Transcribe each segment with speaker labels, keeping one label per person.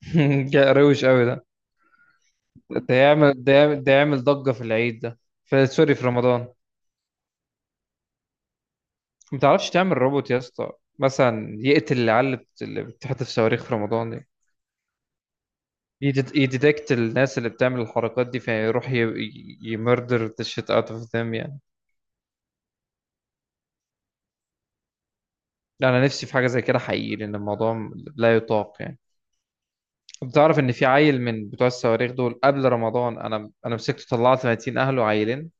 Speaker 1: روش قوي ده. ده يعمل ضجة في العيد ده، في سوري، في رمضان. ما تعرفش تعمل روبوت يا اسطى؟ مثلا يقتل العيال اللي بتحتف صواريخ في رمضان دي، يديتكت الناس اللي بتعمل الحركات دي فيروح يمردر ذا شيت اوت اوف ذم يعني. لا، انا نفسي في حاجة زي كده حقيقي، لان الموضوع لا يطاق يعني. بتعرف ان في عيل من بتوع الصواريخ دول قبل رمضان، انا مسكته، طلعت 30 اهله عيلين.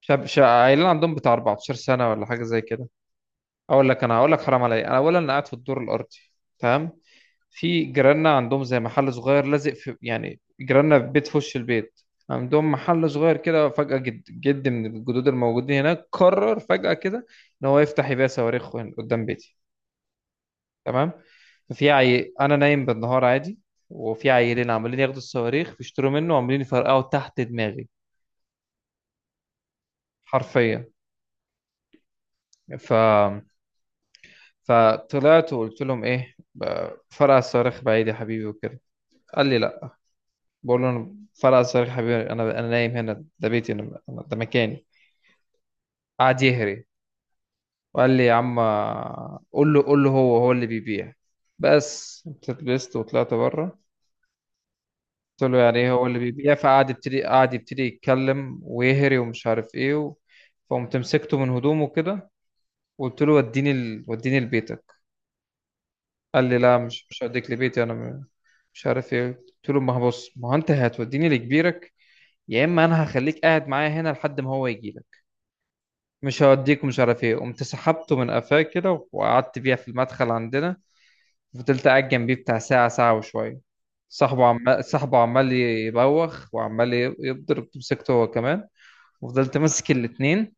Speaker 1: عيلين عندهم بتاع 14 سنة ولا حاجة زي كده. اقول لك، انا هقول لك حرام عليا. انا اولا، انا قاعد في الدور الارضي. تمام. في جيراننا عندهم زي محل صغير لازق في، يعني جيراننا في بيت في وش البيت. عندهم محل صغير كده. فجأة جد جد من الجدود الموجودين هناك قرر فجأة كده ان هو يفتح يبيع صواريخ هنا قدام بيتي. تمام. انا نايم بالنهار عادي، وفي عيلين عمالين ياخدوا الصواريخ بيشتروا منه وعمالين يفرقعوا تحت دماغي، حرفيا. ف فطلعت وقلت لهم ايه: فرقع الصواريخ بعيد يا حبيبي وكده. قال لي لا. بقول له: انا، فرقع صريخ يا حبيبي، انا نايم هنا، ده بيتي، ده مكاني. قعد يهري وقال لي: يا عم، قول له هو هو اللي بيبيع. بس اتلبست وطلعت بره. قلت له: يعني ايه هو اللي بيبيع؟ فقعد يبتدي يتكلم ويهري ومش عارف ايه فقمت مسكته من هدومه كده وقلت له: وديني لبيتك. قال لي: لا، مش هوديك لبيتي. مش عارف ايه. قلت له: ما هو بص، ما هو انت هتوديني لكبيرك، يا اما انا هخليك قاعد معايا هنا لحد ما هو يجي. مش هوديك ومش عارف ايه. قمت سحبته من قفاه كده وقعدت بيها في المدخل عندنا. فضلت قاعد جنبيه بتاع ساعة، ساعة وشوية. صاحبه عمال يبوخ وعمال يضرب، مسكته هو كمان. وفضلت ماسك الاتنين،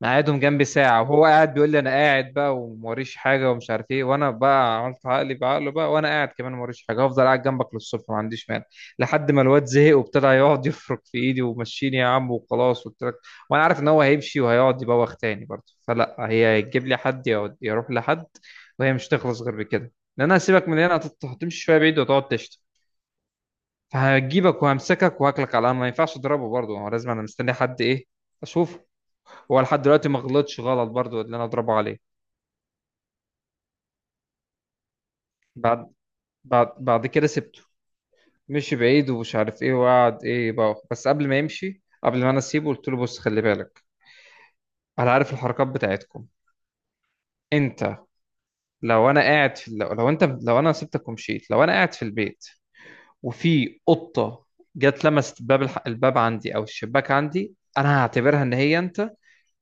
Speaker 1: مقعدهم جنبي ساعة وهو قاعد بيقول لي: أنا قاعد بقى وموريش حاجة ومش عارف إيه. وأنا بقى عملت عقلي بعقله بقى، وأنا قاعد كمان موريش حاجة، هفضل قاعد جنبك للصبح ما عنديش مانع. لحد ما الواد زهق وابتدى يقعد يفرك في إيدي: ومشيني يا عم وخلاص قلت لك. وأنا عارف إن هو هيمشي وهيقعد يبوخ تاني برضه، فلا، هي هتجيب لي حد يروح لحد، وهي مش تخلص غير بكده، لأن أنا هسيبك من هنا هتمشي شوية بعيد وتقعد تشتم. فهجيبك وهمسكك وهاكلك على القهوة. ما ينفعش أضربه برضه هو، لازم أنا مستني حد إيه أشوفه. هو لحد دلوقتي ما غلطش غلط برضو اللي انا اضربه عليه. بعد بعد كده سبته. مشي بعيد ومش عارف ايه وقعد ايه بقى. بس قبل ما يمشي، قبل ما انا اسيبه، قلت له: بص، خلي بالك، انا عارف الحركات بتاعتكم. انت، لو انا قاعد في، لو انت، لو انا سبتك ومشيت، لو انا قاعد في البيت، وفي قطة جت لمست الباب عندي او الشباك عندي، انا هعتبرها ان هي انت،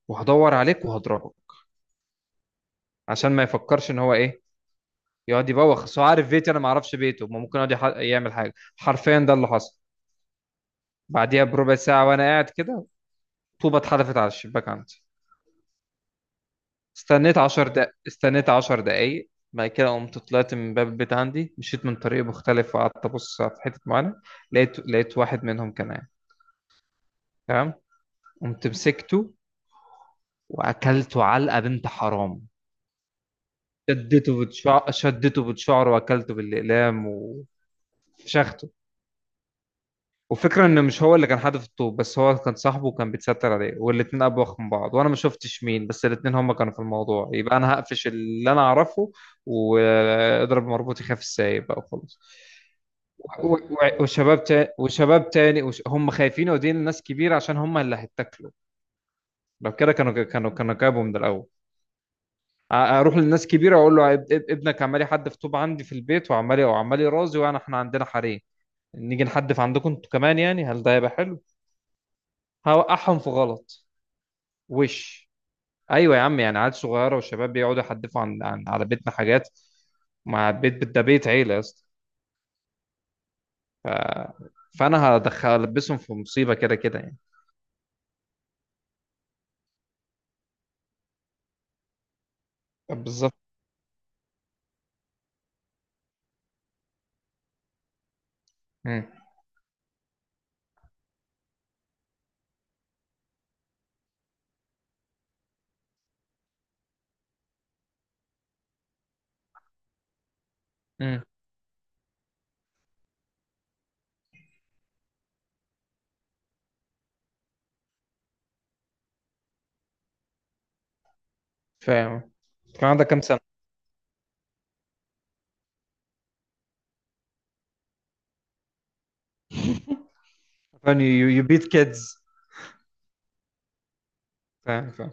Speaker 1: وهدور عليك وهضربك. عشان ما يفكرش ان هو ايه، يقعد يبوخ. بس هو عارف بيتي، انا ما اعرفش بيته. ما ممكن يقعد يعمل حاجه. حرفيا، ده اللي حصل. بعديها بربع ساعه وانا قاعد كده، طوبه اتحدفت على الشباك عندي. استنيت 10 دقايق، استنيت 10 دقايق، بعد كده قمت طلعت من باب البيت عندي، مشيت من طريق مختلف وقعدت ابص في حته معينه. لقيت واحد منهم كان قاعد. تمام، قمت مسكته واكلته علقه بنت حرام. شدته بتشعره واكلته بالاقلام وفشخته. والفكرة ان مش هو اللي كان حادف الطوب، بس هو كان صاحبه وكان بيتستر عليه، والاتنين ابوخ من بعض، وانا ما شفتش مين. بس الاتنين هما كانوا في الموضوع، يبقى انا هقفش اللي انا اعرفه واضرب، مربوط يخاف السايب بقى وخلاص. وشباب تاني، هم خايفين يودين لناس كبيرة عشان هم اللي هيتاكلوا. لو كده كانوا جابوا من الأول. اروح للناس كبيره اقول له: ابنك عمال يحدف طوب عندي في البيت، وعمال يرازي، وانا احنا عندنا حريم. نيجي نحدف عندكم انتوا كمان يعني؟ هل ده هيبقى حلو؟ هوقعهم في غلط. وش ايوه يا عم، يعني عيال صغيره وشباب بيقعدوا يحدفوا عن على بيتنا حاجات، ده بيت عيله يا اسطى. فانا هدخل البسهم في مصيبه، كده كده يعني. بالظبط. امم. امم. فاهم. كان عندك كام سنه؟ فاهم يو بيت كيدز. فاهم فاهم.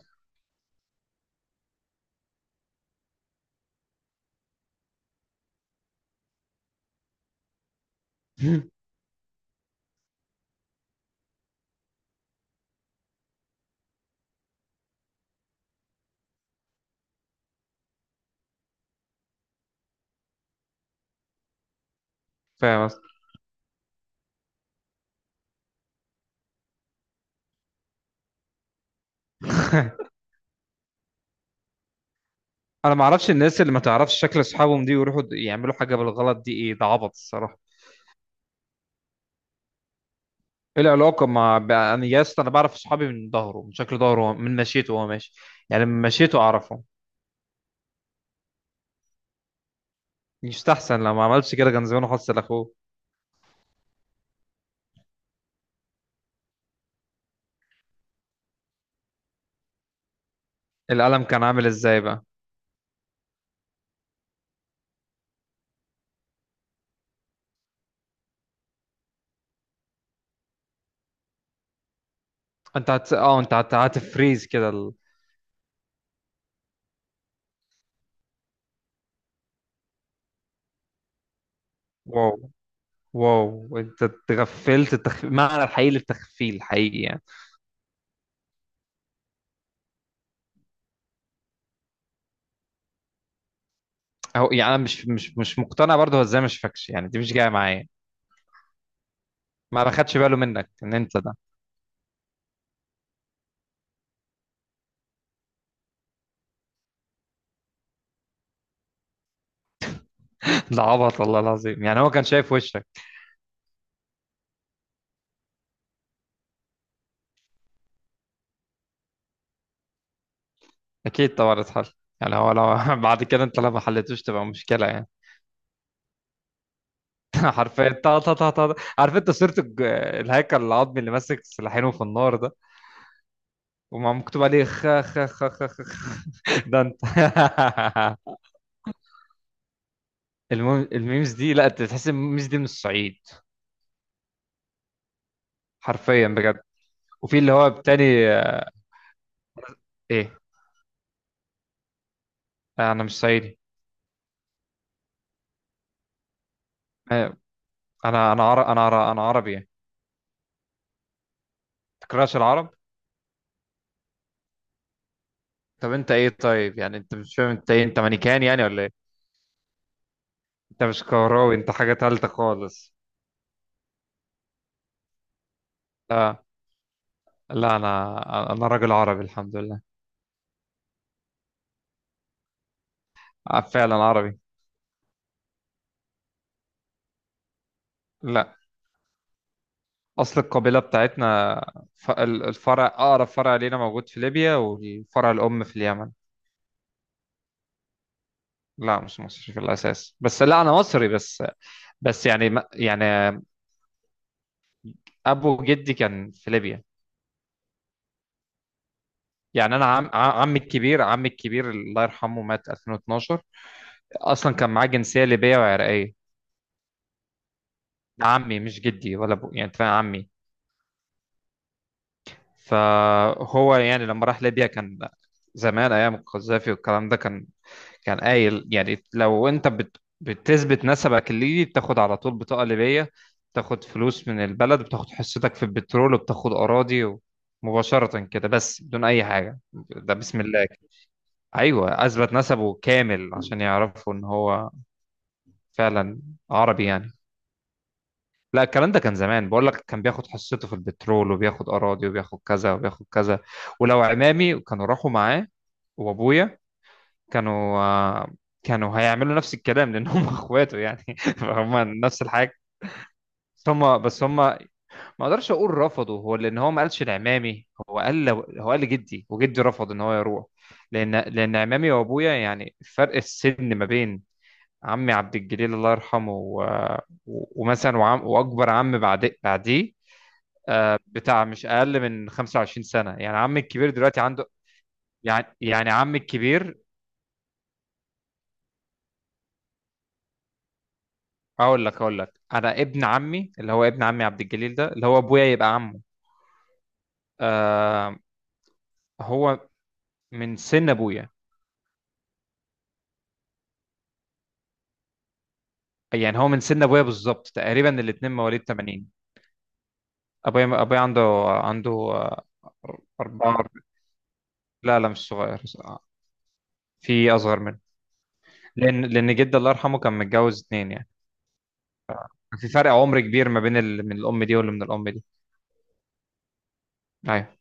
Speaker 1: فاهم يا اسطى. انا ما اعرفش الناس اللي ما تعرفش شكل اصحابهم دي ويروحوا يعملوا حاجه بالغلط دي! ايه ده، عبط الصراحه. ايه العلاقه؟ انا يا اسطى، انا بعرف اصحابي من ظهره، من شكل ظهره، من مشيته وهو ماشي. يعني من مشيته اعرفهم. يستحسن، لو ما عملتش كده كان زمانه حصل اخوه. القلم كان عامل ازاي بقى؟ انت هت... اه انت هت... هتفريز كده واو، واو، انت تغفلت، معنى الحقيقي للتخفيل حقيقي يعني. اهو يعني، انا مش مقتنع برضه هو ازاي ما شافكش؟ يعني دي مش جايه معايا. ما باخدش باله منك ان انت ده؟ ده عبط والله العظيم، يعني هو كان شايف وشك. اكيد طبعا اتحل. يعني هو لو بعد كده انت لو ما حلتوش تبقى مشكله يعني. حرفيا، طا طا طا طا، عارف انت صورة الهيكل العظمي اللي ماسك سلاحينه في النار ده، ومع مكتوب عليه: خ خ خ خ خ ده انت. المهم الميمز دي، لا، انت تحس إن الميمز دي من الصعيد، حرفيا بجد. وفي اللي هو التاني. آه. ايه؟ آه، انا مش صعيدي. آه، انا عرب، انا عرب، انا عربي يعني. تكرهش العرب؟ طب انت ايه طيب يعني؟ انت مش فاهم انت ايه؟ انت مانيكان يعني ولا ايه؟ انت مش كهراوي، انت حاجة تالتة خالص. لا، لا، انا راجل عربي الحمد لله. آه، فعلا عربي. لا، اصل القبيله بتاعتنا، الفرع، اقرب فرع لينا موجود في ليبيا والفرع الام في اليمن. لا، مش مصري في الاساس بس، لا انا مصري بس. بس يعني يعني، ابو جدي كان في ليبيا. يعني انا عمي الكبير، عمي الكبير الله يرحمه مات 2012. اصلا كان معاه جنسيه ليبيه وعراقيه. ده عمي، مش جدي ولا ابو يعني، أنت فاهم؟ عمي. فهو يعني لما راح ليبيا، كان زمان ايام القذافي والكلام ده، كان كان قايل يعني: لو انت بتثبت نسبك الليبي بتاخد على طول بطاقة ليبية، بتاخد فلوس من البلد، بتاخد حصتك في البترول وبتاخد أراضي، مباشرة كده بس بدون أي حاجة. ده بسم الله كده. أيوة، أثبت نسبه كامل عشان يعرفوا إن هو فعلا عربي يعني. لا، الكلام ده كان زمان بقول لك، كان بياخد حصته في البترول وبياخد أراضي وبياخد كذا وبياخد كذا. ولو عمامي كانوا راحوا معاه وأبويا، كانوا كانوا هيعملوا نفس الكلام، لان هم اخواته يعني. فهم نفس الحاجه. هم بس ما اقدرش اقول رفضوا هو، لان هو ما قالش لعمامي، هو قال لجدي، وجدي رفض ان هو يروح. لان عمامي وابويا يعني، فرق السن ما بين عمي عبد الجليل الله يرحمه ومثلا واكبر عم بعديه، بتاع مش اقل من 25 سنه يعني. عمي الكبير دلوقتي عنده، يعني عمي الكبير، اقول لك، انا ابن عمي اللي هو ابن عمي عبد الجليل، ده اللي هو ابويا يبقى عمه. آه، هو من سن ابويا. يعني هو من سن ابويا بالظبط تقريبا، الاتنين مواليد 80. ابويا عنده أربعة. لا، لا، مش صغير، في أصغر منه. لأن جدي الله يرحمه كان متجوز اتنين يعني. في فرق عمر كبير ما بين من الأم دي واللي من الأم دي. أيوه